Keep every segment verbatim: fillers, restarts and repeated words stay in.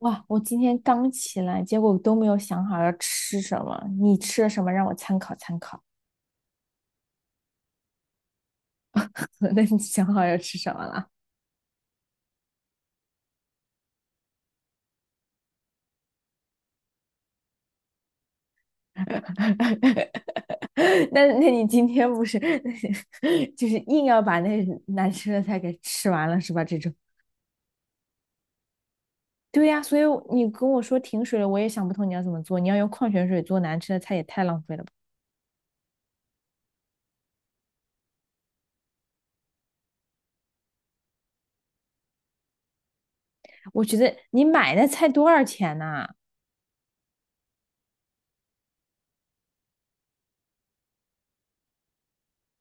哇，我今天刚起来，结果都没有想好要吃什么。你吃了什么，让我参考参考。那你想好要吃什么了？那那你今天不是 就是硬要把那难吃的菜给吃完了是吧？这种。对呀，所以你跟我说停水了，我也想不通你要怎么做。你要用矿泉水做难吃的菜，也太浪费了吧。我觉得你买那菜多少钱呐、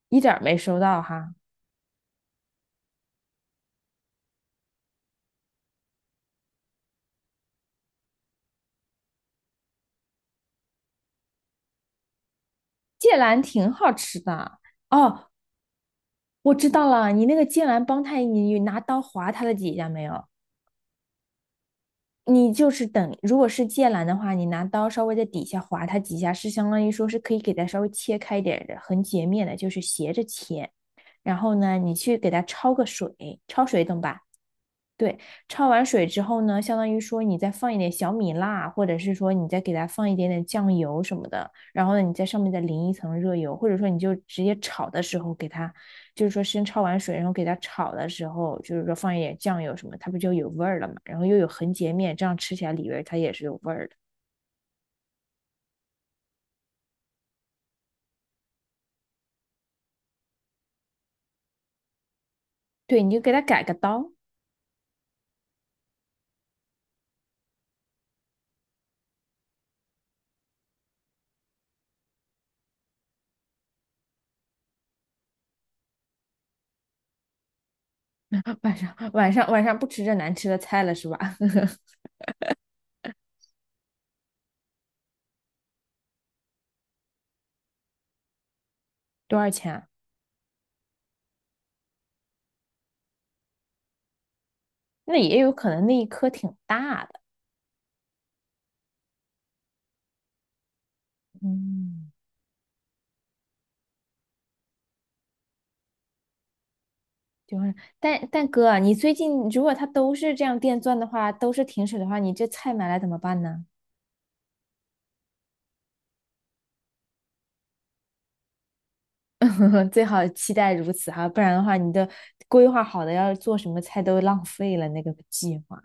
一点儿没收到哈。芥蓝挺好吃的。哦，我知道了，你那个剑兰帮他，你拿刀划他的几下没有？你就是等，如果是剑兰的话，你拿刀稍微在底下划它几下，是相当于说是可以给它稍微切开一点的，横截面的，就是斜着切。然后呢，你去给它焯个水，焯水懂吧？对，焯完水之后呢，相当于说你再放一点小米辣，或者是说你再给它放一点点酱油什么的，然后呢，你在上面再淋一层热油，或者说你就直接炒的时候给它，就是说先焯完水，然后给它炒的时候，就是说放一点酱油什么，它不就有味儿了嘛？然后又有横截面，这样吃起来里边儿它也是有味儿的。对，你就给它改个刀。晚上晚上晚上不吃这难吃的菜了是吧？多少钱啊？那也有可能那一颗挺大的。嗯。就是，但但哥啊你最近如果它都是这样电钻的话，都是停水的话，你这菜买来怎么办呢？最好期待如此哈，不然的话，你的规划好的要做什么菜都浪费了那个计划。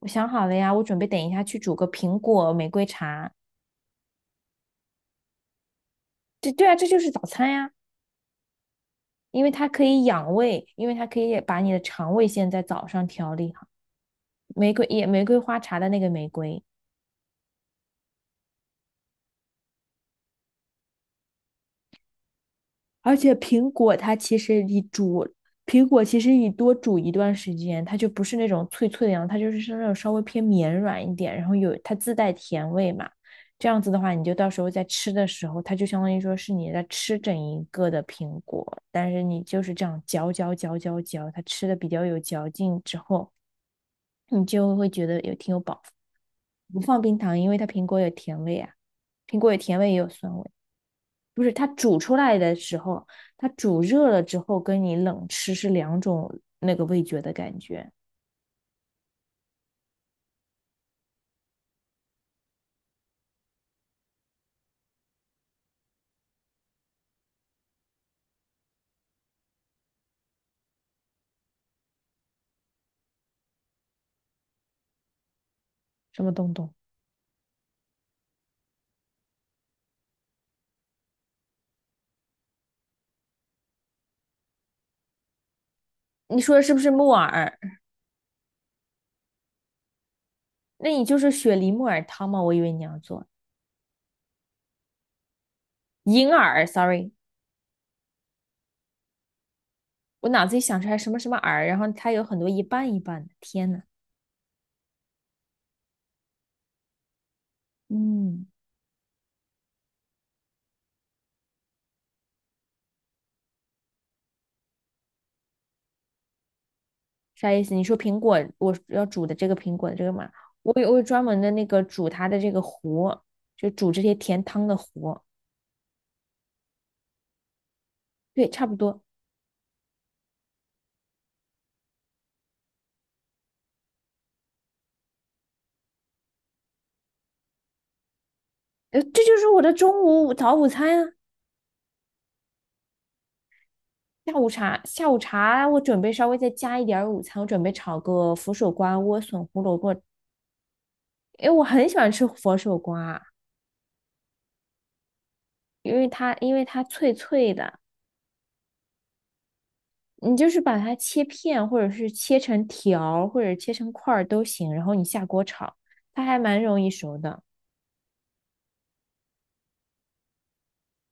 我想好了呀，我准备等一下去煮个苹果玫瑰茶。这对啊，这就是早餐呀，因为它可以养胃，因为它可以把你的肠胃先在早上调理好。玫瑰也玫瑰花茶的那个玫瑰。而且苹果它其实你煮，苹果其实你多煮一段时间，它就不是那种脆脆的样子它就是是那种稍微偏绵软一点，然后有它自带甜味嘛。这样子的话，你就到时候在吃的时候，它就相当于说是你在吃整一个的苹果，但是你就是这样嚼嚼嚼嚼嚼，它吃的比较有嚼劲之后，你就会觉得有挺有饱腹。不放冰糖，因为它苹果有甜味啊，苹果有甜味也有酸味。不是它煮出来的时候，它煮热了之后跟你冷吃是两种那个味觉的感觉。什么东东？你说的是不是木耳？那你就是雪梨木耳汤吗？我以为你要做银耳，sorry，我脑子里想出来什么什么耳，然后它有很多一半一半的。天呐，嗯，啥意思？你说苹果，我要煮的这个苹果的这个嘛，我有我有专门的那个煮它的这个壶，就煮这些甜汤的壶。对，差不多。呃，这就是我的中午早午餐啊。下午茶，下午茶我准备稍微再加一点儿午餐，我准备炒个佛手瓜莴笋胡萝卜，因为我很喜欢吃佛手瓜，因为它因为它脆脆的，你就是把它切片，或者是切成条儿或者切成块儿都行，然后你下锅炒，它还蛮容易熟的，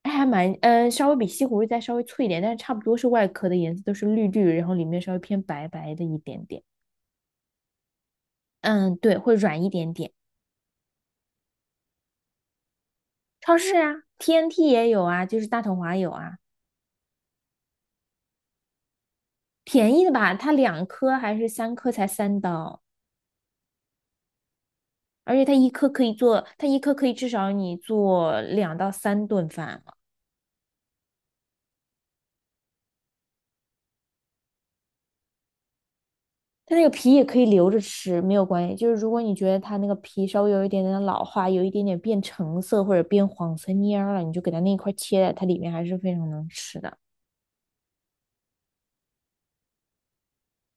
它还蛮嗯、呃稍微比西葫芦再稍微脆一点，但是差不多是外壳的颜色都是绿绿，然后里面稍微偏白白的一点点，嗯，对，会软一点点。超市啊，T N T 也有啊，就是大统华有啊。便宜的吧，它两颗还是三颗才三刀，而且它一颗可以做，它一颗可以至少你做两到三顿饭了。它那个皮也可以留着吃，没有关系。就是如果你觉得它那个皮稍微有一点点老化，有一点点变橙色或者变黄色蔫儿了，你就给它那一块切了，它里面还是非常能吃的。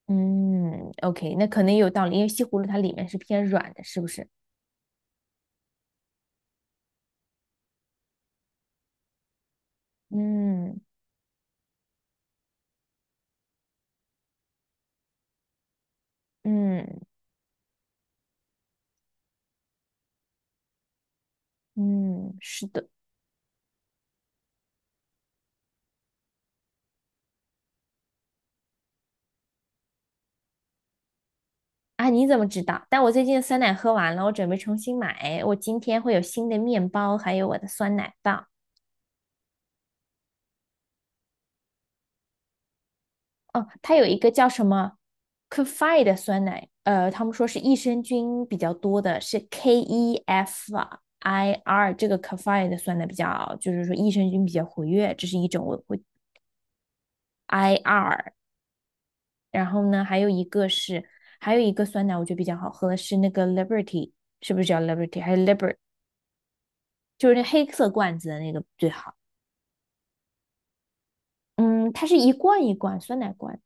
嗯，OK，那可能也有道理，因为西葫芦它里面是偏软的，是不是？嗯嗯嗯，是的。啊，你怎么知道？但我最近的酸奶喝完了，我准备重新买。我今天会有新的面包，还有我的酸奶棒。哦，它有一个叫什么 Kefir 的酸奶，呃，他们说是益生菌比较多的，是 K E F I R 这个 Kefir 的酸奶比较，就是说益生菌比较活跃，这是一种我会 I R。然后呢，还有一个是，还有一个酸奶我觉得比较好喝的是那个 Liberty，是不是叫 Liberty？还有 Liber？t 就是那黑色罐子的那个最好。嗯，它是一罐一罐酸奶罐，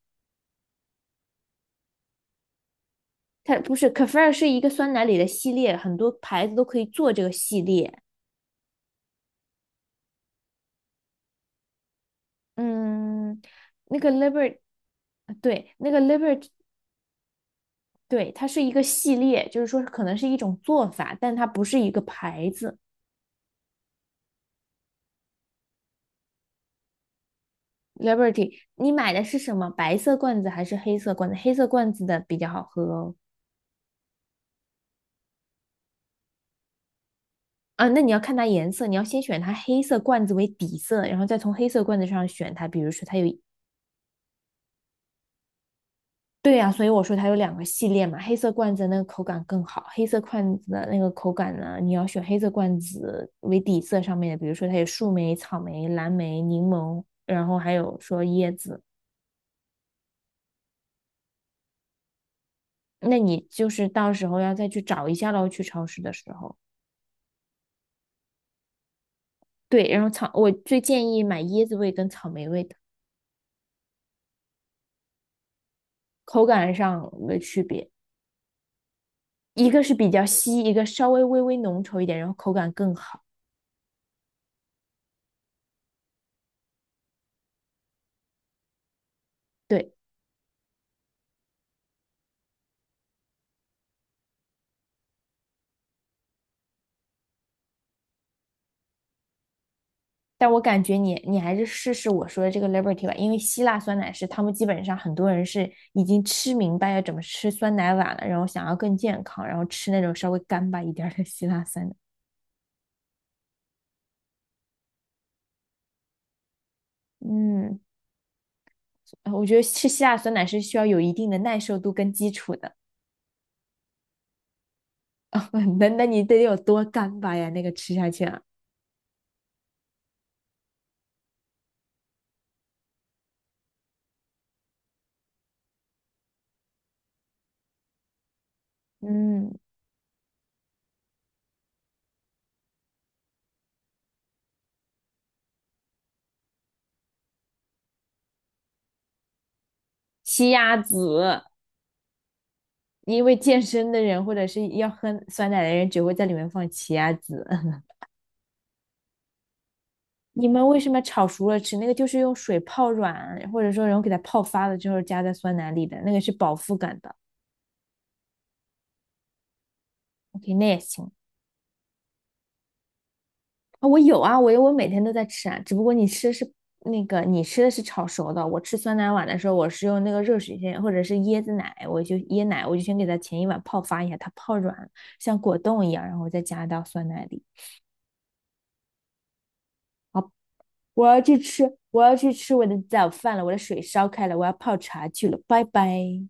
它不是 Kefir 是一个酸奶里的系列，很多牌子都可以做这个系列。嗯，那个 Liberty，对，那个 Liberty，对，它是一个系列，就是说可能是一种做法，但它不是一个牌子。Liberty，你买的是什么？白色罐子还是黑色罐子？黑色罐子的比较好喝哦。啊，那你要看它颜色，你要先选它黑色罐子为底色，然后再从黑色罐子上选它。比如说它有对呀、所以我说它有两个系列嘛，黑色罐子那个口感更好。黑色罐子的那个口感呢，你要选黑色罐子为底色上面的，比如说它有树莓、草莓、蓝莓、柠檬，然后还有说椰子。那你就是到时候要再去找一下喽，去超市的时候。对，然后草，我最建议买椰子味跟草莓味的，口感上的区别，一个是比较稀，一个稍微微微浓稠一点，然后口感更好。对。但我感觉你你还是试试我说的这个 Liberty 吧，因为希腊酸奶是他们基本上很多人是已经吃明白要怎么吃酸奶碗了，然后想要更健康，然后吃那种稍微干巴一点的希腊酸奶。嗯，呃我觉得吃希腊酸奶是需要有一定的耐受度跟基础的。那那你得有多干巴呀？那个吃下去啊，嗯，奇亚籽，因为健身的人或者是要喝酸奶的人只会在里面放奇亚籽。你们为什么炒熟了吃？那个就是用水泡软，或者说然后给它泡发了之后加在酸奶里的，那个是饱腹感的。OK，那也行啊，我有啊，我有，我每天都在吃啊，只不过你吃的是那个你吃的是炒熟的，我吃酸奶碗的时候，我是用那个热水先或者是椰子奶，我就椰奶我就先给它前一碗泡发一下，它泡软像果冻一样，然后我再加到酸奶里。好，我要去吃，我要去吃我的早饭了，我的水烧开了，我要泡茶去了，拜拜。